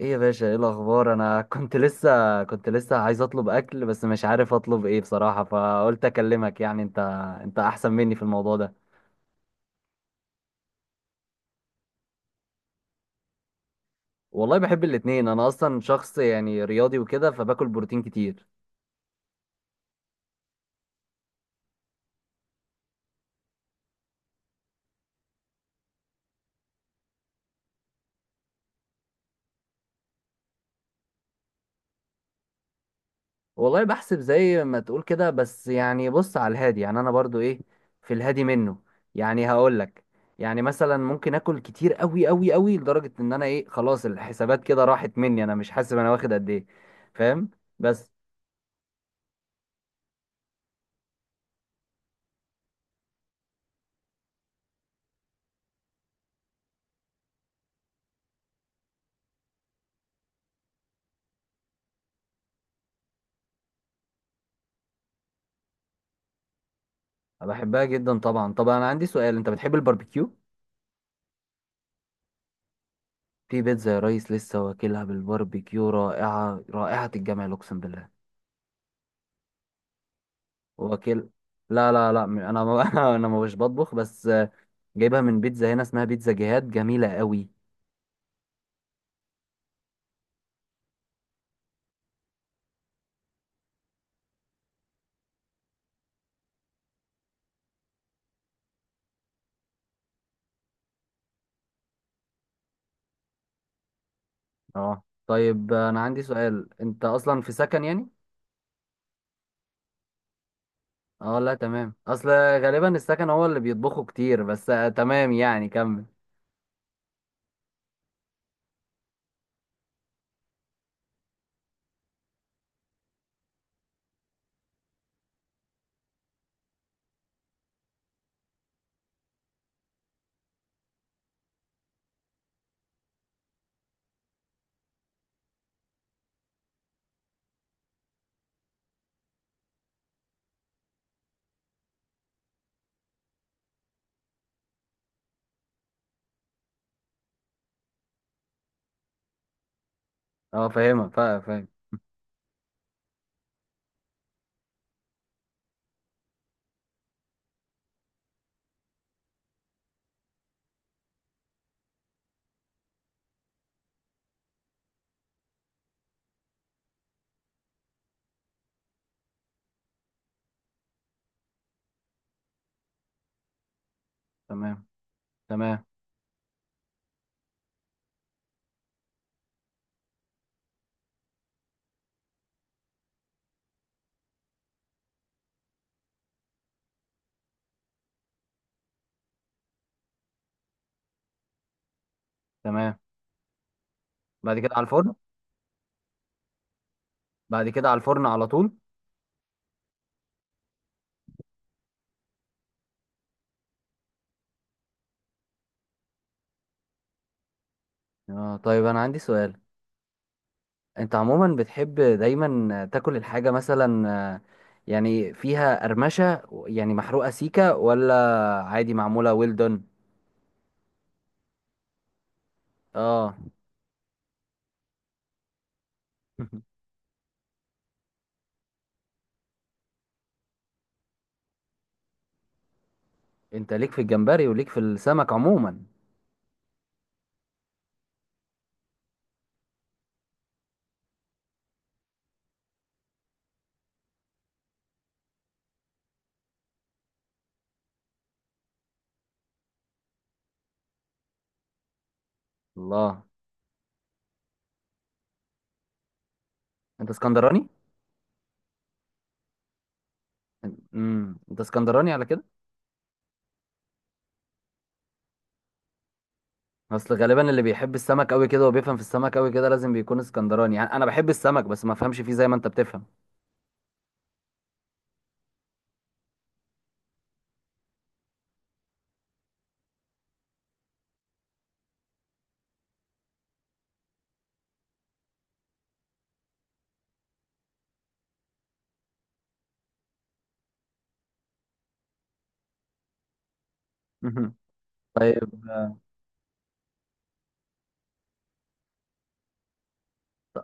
ايه يا باشا، ايه الاخبار؟ انا كنت لسه عايز اطلب اكل بس مش عارف اطلب ايه بصراحة، فقلت اكلمك يعني انت احسن مني في الموضوع ده. والله بحب الاتنين، انا اصلا شخص يعني رياضي وكده فباكل بروتين كتير. والله بحسب زي ما تقول كده بس يعني بص على الهادي، يعني انا برضو ايه، في الهادي منه، يعني هقول لك. يعني مثلا ممكن اكل كتير قوي قوي قوي لدرجة ان انا ايه، خلاص الحسابات كده راحت مني، انا مش حاسب انا واخد قد ايه. فاهم؟ بس. أنا بحبها جدا طبعا. طب انا عندي سؤال، انت بتحب الباربيكيو؟ في بيتزا يا ريس لسه واكلها بالباربيكيو، رائعه، رائحه الجمال، اقسم بالله. واكل. لا لا لا، انا ما انا ما مش بطبخ، بس جايبها من بيتزا هنا، اسمها بيتزا جهاد، جميله قوي. اه طيب، انا عندي سؤال، انت اصلا في سكن يعني؟ اه لا، تمام. اصل غالبا السكن هو اللي بيطبخوا كتير، بس تمام، يعني كمل. اه فاهمه، فاهم. تمام تمام تمام. بعد كده على الفرن. بعد كده على الفرن على طول. اه طيب انا عندي سؤال، انت عموما بتحب دايما تاكل الحاجة مثلا آه، يعني فيها قرمشة؟ يعني محروقة سيكة، ولا عادي معمولة ويل دون؟ اه. انت ليك في الجمبري وليك في السمك عموما؟ الله. انت اسكندراني؟ امم، انت اسكندراني على كده؟ اصل غالبا اللي بيحب السمك قوي كده وبيفهم في السمك قوي كده لازم بيكون اسكندراني، يعني انا بحب السمك بس ما افهمش فيه زي ما انت بتفهم. طيب.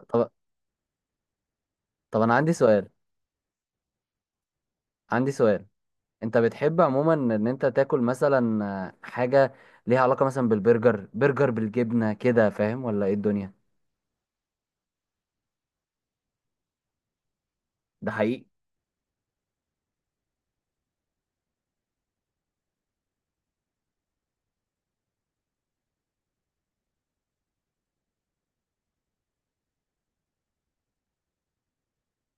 طب طب انا عندي سؤال، انت بتحب عموما ان انت تاكل مثلا حاجة ليها علاقة مثلا بالبرجر، برجر بالجبنة كده، فاهم؟ ولا ايه الدنيا؟ ده حقيقي.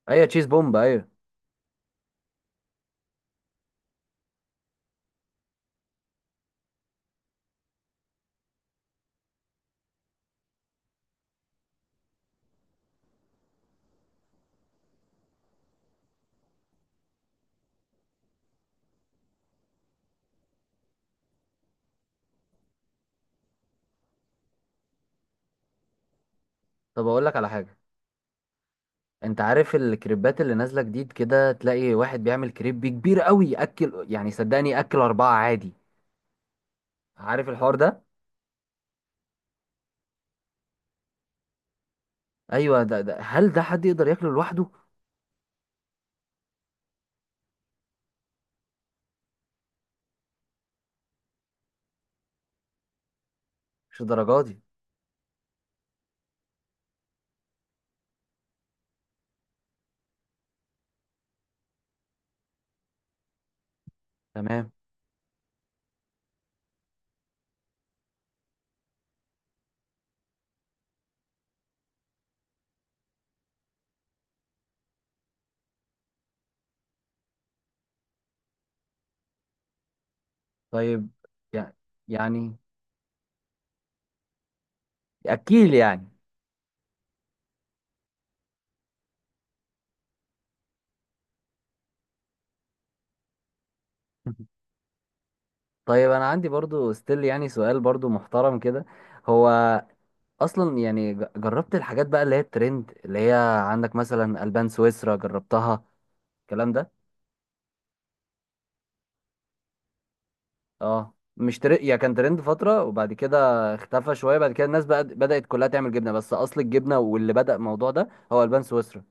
ايوه، تشيز بومب، ايوه. طب اقول لك على حاجة. انت عارف الكريبات اللي نازلة جديد كده؟ تلاقي واحد بيعمل كريب كبير قوي، ياكل يعني صدقني ياكل أربعة عادي. عارف الحوار ده؟ ايوه، ده هل ده حد يقدر ياكله لوحده؟ مش الدرجة دي. تمام. طيب يعني. يعني اكيل يعني. طيب انا عندي برضو ستيل يعني سؤال برضو محترم كده. هو اصلا يعني جربت الحاجات بقى اللي هي الترند، اللي هي عندك مثلا البان سويسرا؟ جربتها الكلام ده؟ اه مش يعني كان ترند فترة، وبعد كده اختفى شوية، بعد كده الناس بقى بدأت كلها تعمل جبنة بس اصل الجبنة، واللي بدأ الموضوع ده هو البان سويسرا.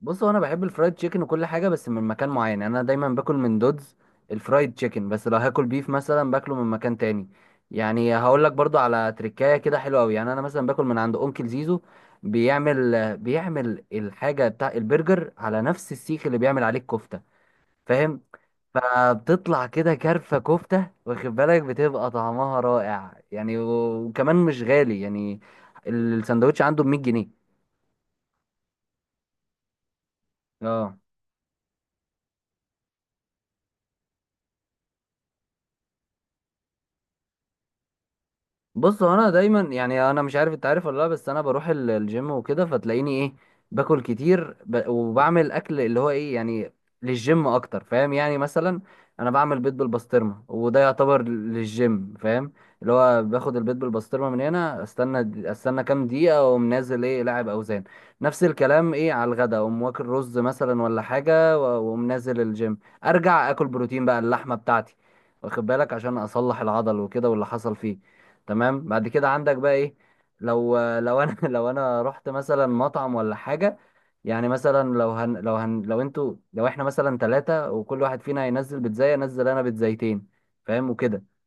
بص، هو انا بحب الفرايد تشيكن وكل حاجه بس من مكان معين، يعني انا دايما باكل من دودز الفرايد تشيكن، بس لو هاكل بيف مثلا باكله من مكان تاني. يعني هقول لك برضو على تركايه كده حلوه قوي، يعني انا مثلا باكل من عند اونكل زيزو. بيعمل الحاجه بتاع البرجر على نفس السيخ اللي بيعمل عليه الكفته. فاهم؟ فبتطلع كده كرفه كفته، واخد بالك بتبقى طعمها رائع يعني، وكمان مش غالي يعني. السندوتش عنده ب 100 جنيه. اه بص، هو انا دايما يعني انا مش عارف انت عارف ولا لا، بس انا بروح الجيم وكده فتلاقيني ايه باكل كتير وبعمل اكل اللي هو ايه يعني للجيم اكتر، فاهم؟ يعني مثلا انا بعمل بيض بالبسطرمه، وده يعتبر للجيم، فاهم؟ اللي هو باخد البيض بالبسطرمه من هنا، استنى كام دقيقه واقوم نازل ايه لاعب اوزان. نفس الكلام ايه على الغدا، اقوم واكل رز مثلا ولا حاجه، واقوم نازل الجيم، ارجع اكل بروتين بقى اللحمه بتاعتي، واخد بالك عشان اصلح العضل وكده واللي حصل فيه. تمام. بعد كده عندك بقى ايه؟ لو انا لو انا رحت مثلا مطعم ولا حاجه يعني، مثلا لو هن لو هن لو انتوا لو احنا مثلا ثلاثه وكل واحد فينا هينزل بيتزاي، انزل انا بيتزايتين. فاهم وكده؟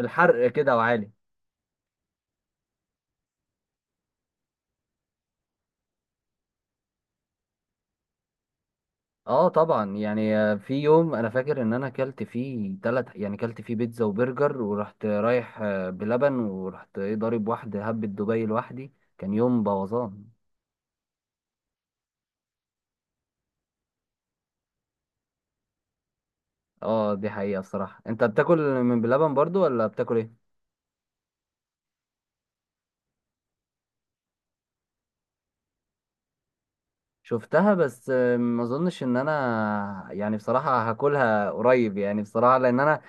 الحرق كده وعالي. اه طبعا يعني، في يوم انا فاكر ان انا كلت فيه ثلاث، يعني كلت فيه بيتزا وبرجر ورحت رايح بلبن، ورحت ايه ضارب واحده هبة دبي لوحدي، كان يوم بوظان. اه، دي حقيقه. الصراحه انت بتاكل من بلبن برضو ولا بتاكل ايه؟ شفتها بس ما اظنش ان انا يعني بصراحة هاكلها قريب، يعني بصراحة لان انا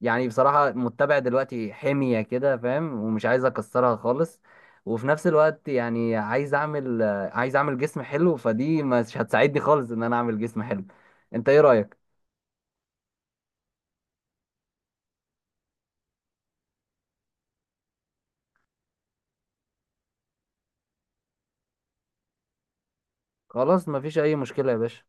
يعني بصراحة متبع دلوقتي حمية كده فاهم، ومش عايز اكسرها خالص. وفي نفس الوقت يعني عايز اعمل عايز اعمل جسم حلو، فدي مش هتساعدني خالص ان انا اعمل جسم حلو. انت ايه رأيك؟ خلاص، مفيش اي مشكلة يا باشا.